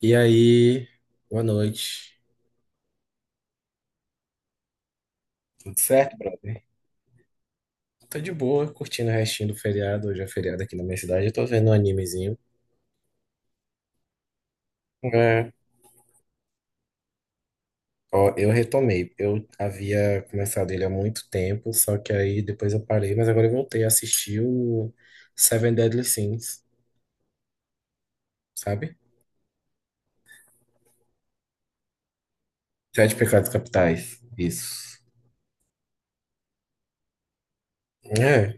E aí, boa noite. Tudo certo, brother? Tô de boa, curtindo o restinho do feriado. Hoje é feriado aqui na minha cidade. Eu tô vendo um animezinho. É. Ó, eu retomei. Eu havia começado ele há muito tempo, só que aí depois eu parei, mas agora eu voltei a assistir o Seven Deadly Sins, sabe? Sete Pecados Capitais. Isso. É.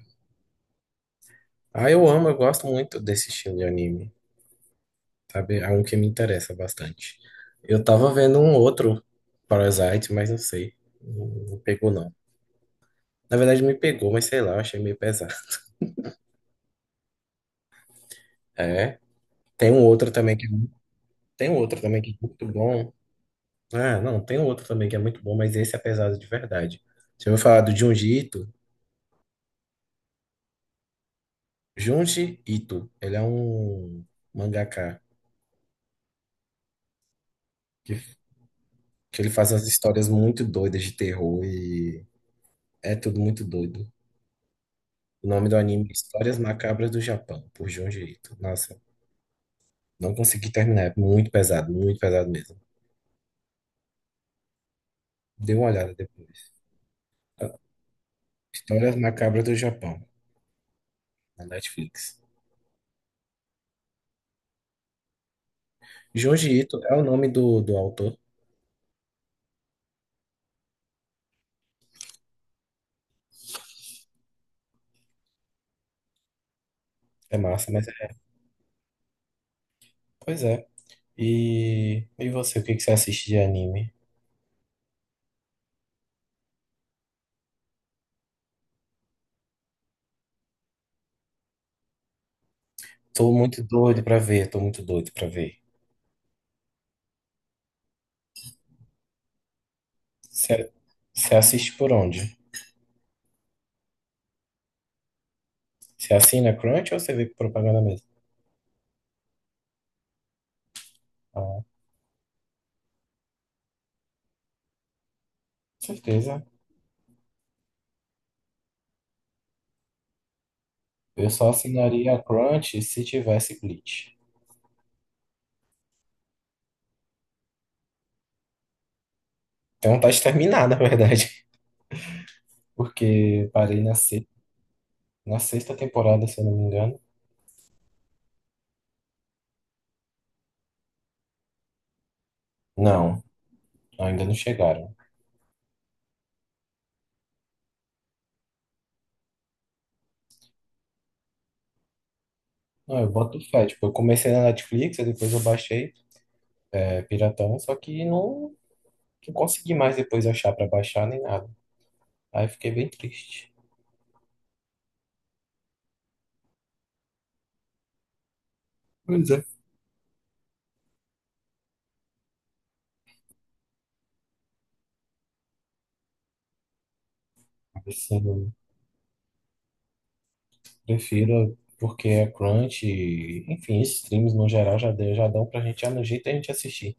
Ah, eu amo, eu gosto muito desse estilo de anime, sabe? É um que me interessa bastante. Eu tava vendo um outro Parasite, mas não sei. Não pegou, não. Na verdade, me pegou, mas sei lá, eu achei meio pesado. É. Tem um outro também que é, mu- Tem um outro também que é muito bom. Ah, não, tem um outro também que é muito bom, mas esse é pesado de verdade. Você ouviu falar do Junji Ito? Junji Ito, ele é um mangaka que, que ele faz umas histórias muito doidas de terror e é tudo muito doido. O nome do anime é Histórias Macabras do Japão, por Junji Ito. Nossa. Não consegui terminar, é muito pesado mesmo. Dê uma olhada depois. Ah, Histórias Macabras do Japão, na Netflix. Junji Ito é o nome do autor. É massa, mas é. Pois é. E você, o que que você assiste de anime? Tô muito doido pra ver, tô muito doido pra ver. Você você assiste por onde? Você assina Crunch ou você vê propaganda mesmo? Ah, com certeza. Eu só assinaria a Crunch se tivesse Bleach. Tenho vontade de terminar, na verdade. Porque parei na sexta temporada, se eu não me engano. Não, ainda não chegaram. Não, eu boto fé. Tipo, eu comecei na Netflix, aí depois eu baixei, Piratão, só que não consegui mais depois achar pra baixar nem nada. Aí fiquei bem triste. Pois é. Assim, eu prefiro porque a crunch, e, enfim, esses streams no geral já dão pra gente, no jeito a gente assistir.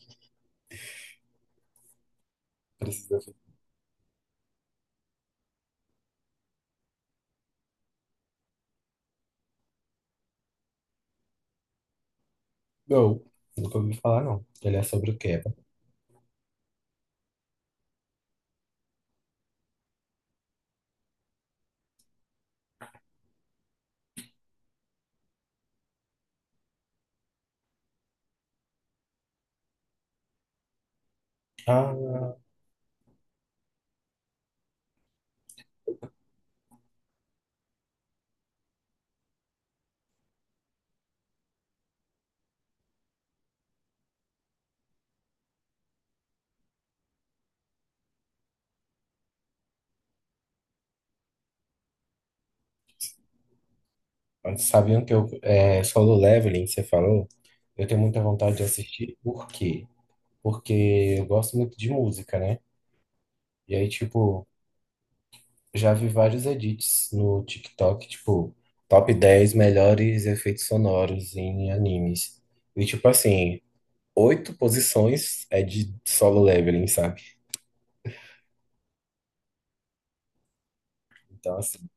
Precisa. Não, nunca ouvi falar, não. Ele é sobre o quê? Ah, sabiam que eu, Solo Leveling, você falou, eu tenho muita vontade de assistir. Por quê? Porque eu gosto muito de música, né? E aí, tipo, já vi vários edits no TikTok, tipo, top 10 melhores efeitos sonoros em animes. E, tipo, assim, oito posições é de Solo Leveling, sabe? Então, assim,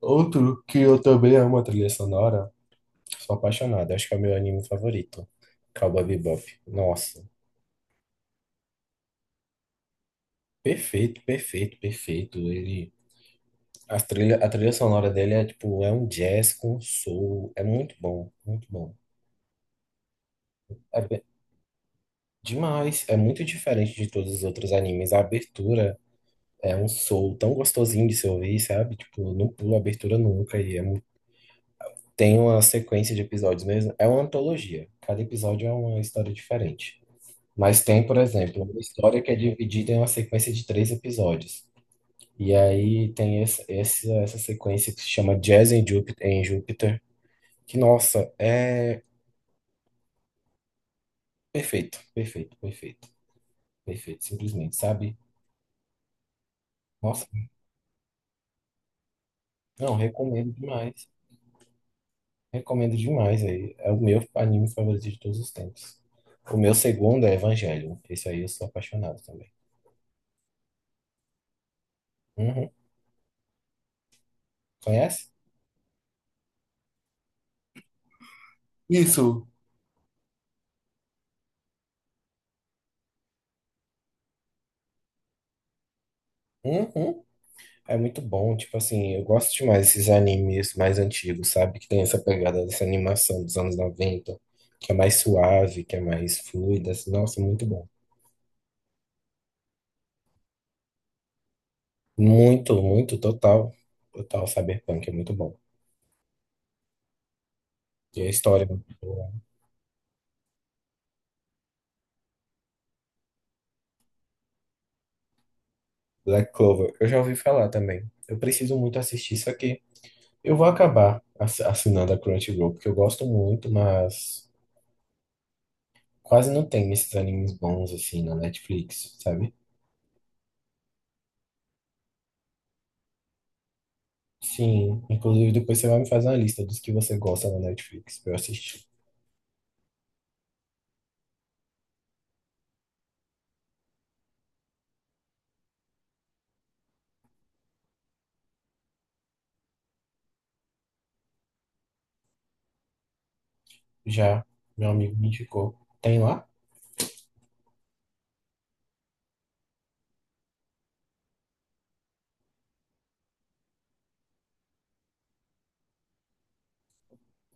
outro que eu também amo a trilha sonora, sou apaixonado, acho que é o meu anime favorito, Cowboy Bebop. Nossa. Perfeito, perfeito, perfeito. Ele, a trilha sonora dele é tipo, é um jazz com soul, é muito bom, muito bom. É demais, é muito diferente de todos os outros animes. A abertura é um soul tão gostosinho de se ouvir, sabe? Tipo, não pula a abertura nunca e tem uma sequência de episódios mesmo. É uma antologia, cada episódio é uma história diferente. Mas tem, por exemplo, uma história que é dividida em uma sequência de 3 episódios. E aí tem essa sequência que se chama Jazz em Júpiter, que, nossa, é perfeito, perfeito, perfeito, perfeito, simplesmente, sabe? Nossa, não, recomendo demais aí. É o meu anime favorito de todos os tempos. O meu segundo é Evangelion, esse aí eu sou apaixonado também. Uhum. Conhece? Isso. Uhum. É muito bom, tipo assim, eu gosto demais desses animes mais antigos, sabe? Que tem essa pegada dessa animação dos anos 90, que é mais suave, que é mais fluida. Assim, nossa, muito bom. Muito, muito, total. Total Cyberpunk, é muito bom. E a história é muito boa. Black Clover, eu já ouvi falar também. Eu preciso muito assistir isso aqui. Eu vou acabar assinando a Crunchyroll, porque eu gosto muito, mas quase não tem esses animes bons assim na Netflix, sabe? Sim, inclusive depois você vai me fazer uma lista dos que você gosta na Netflix pra eu assistir. Já, meu amigo me indicou. Tem lá?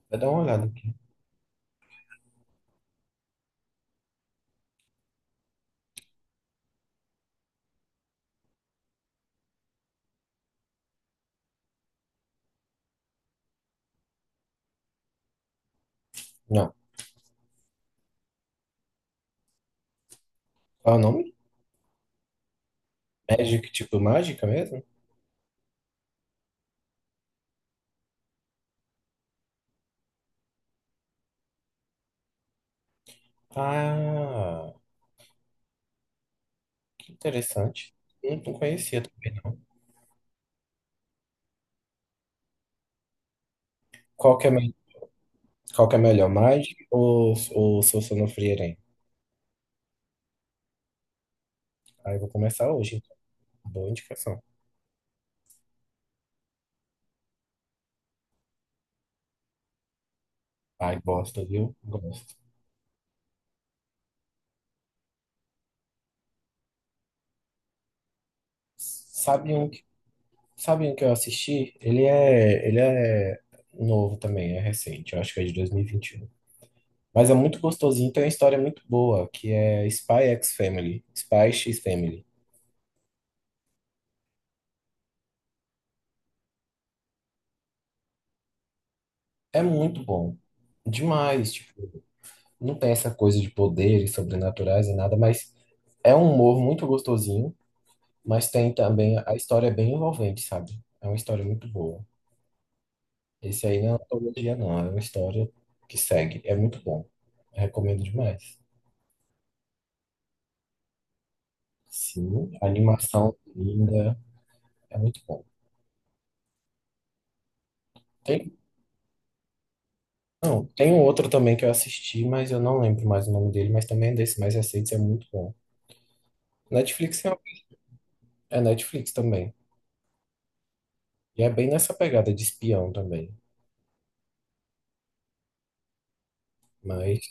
Vai dar uma olhada aqui. Não. Qual é o nome? Magic, tipo mágica mesmo? Ah, que interessante. Não, não conhecia. Qual que é, me- Qual que é melhor, Magic ou Seu Sonofrieren? Aí eu vou começar hoje, então. Boa indicação. Ai, gosto, viu? Gosto. Sabe um que, sabe um que eu assisti? Ele é novo também, é recente. Eu acho que é de 2021. Mas é muito gostosinho, tem uma história muito boa, que é Spy X Family, Spy X Family. É muito bom. Demais, tipo, não tem essa coisa de poderes sobrenaturais e nada, mas é um humor muito gostosinho, mas tem também, a história é bem envolvente, sabe? É uma história muito boa. Esse aí não é uma antologia, não, é uma história que segue. É muito bom. Recomendo demais. Sim, a animação linda, é muito bom. Tem Não, tem um outro também que eu assisti, mas eu não lembro mais o nome dele, mas também é desse mais recente, é muito bom. Netflix é Netflix também. E é bem nessa pegada de espião também. Mas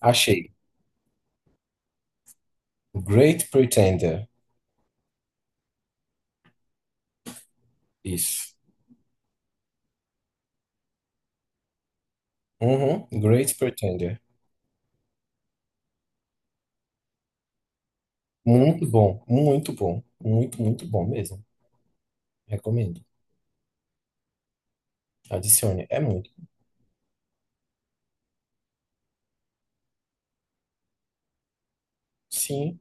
achei. Great Pretender. Isso. Uhum, Great Pretender. Muito bom, muito bom. Muito, muito bom mesmo. Recomendo. Adicione. É muito. Sim,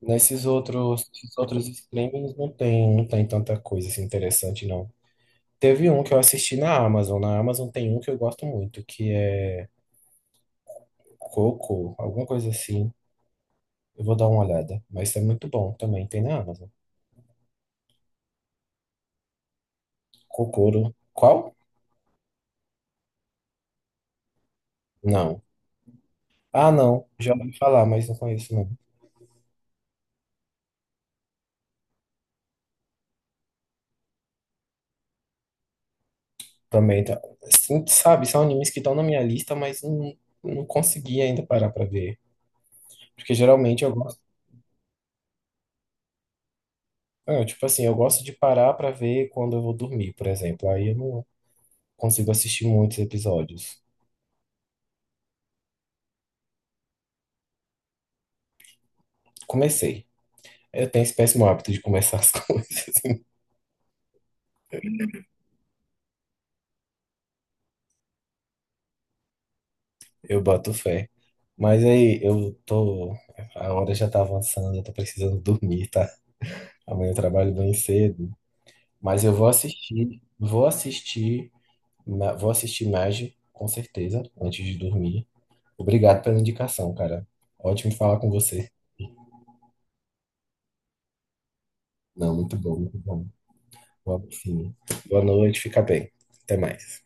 nesses outros, esses outros streamings não tem, não tem tanta coisa assim, interessante, não. Teve um que eu assisti na Amazon. Na Amazon tem um que eu gosto muito, que é Coco, alguma coisa assim. Eu vou dar uma olhada. Mas é muito bom também, tem na Amazon. Kokoro. Qual? Não. Ah, não. Já ouvi falar, mas não conheço, não. Também tá. Sim, sabe, são animes que estão na minha lista, mas não, não consegui ainda parar pra ver. Porque geralmente eu gosto. Tipo assim, eu gosto de parar pra ver quando eu vou dormir, por exemplo. Aí eu não consigo assistir muitos episódios. Comecei. Eu tenho esse péssimo hábito de começar as coisas. Eu boto fé. Mas aí, eu tô. A hora já tá avançando, eu tô precisando dormir, tá? Amanhã eu trabalho bem cedo. Mas eu vou assistir. Vou assistir. Vou assistir Magi, com certeza, antes de dormir. Obrigado pela indicação, cara. Ótimo falar com você. Não, muito bom, muito bom. Vamos sim. Boa noite, fica bem. Até mais.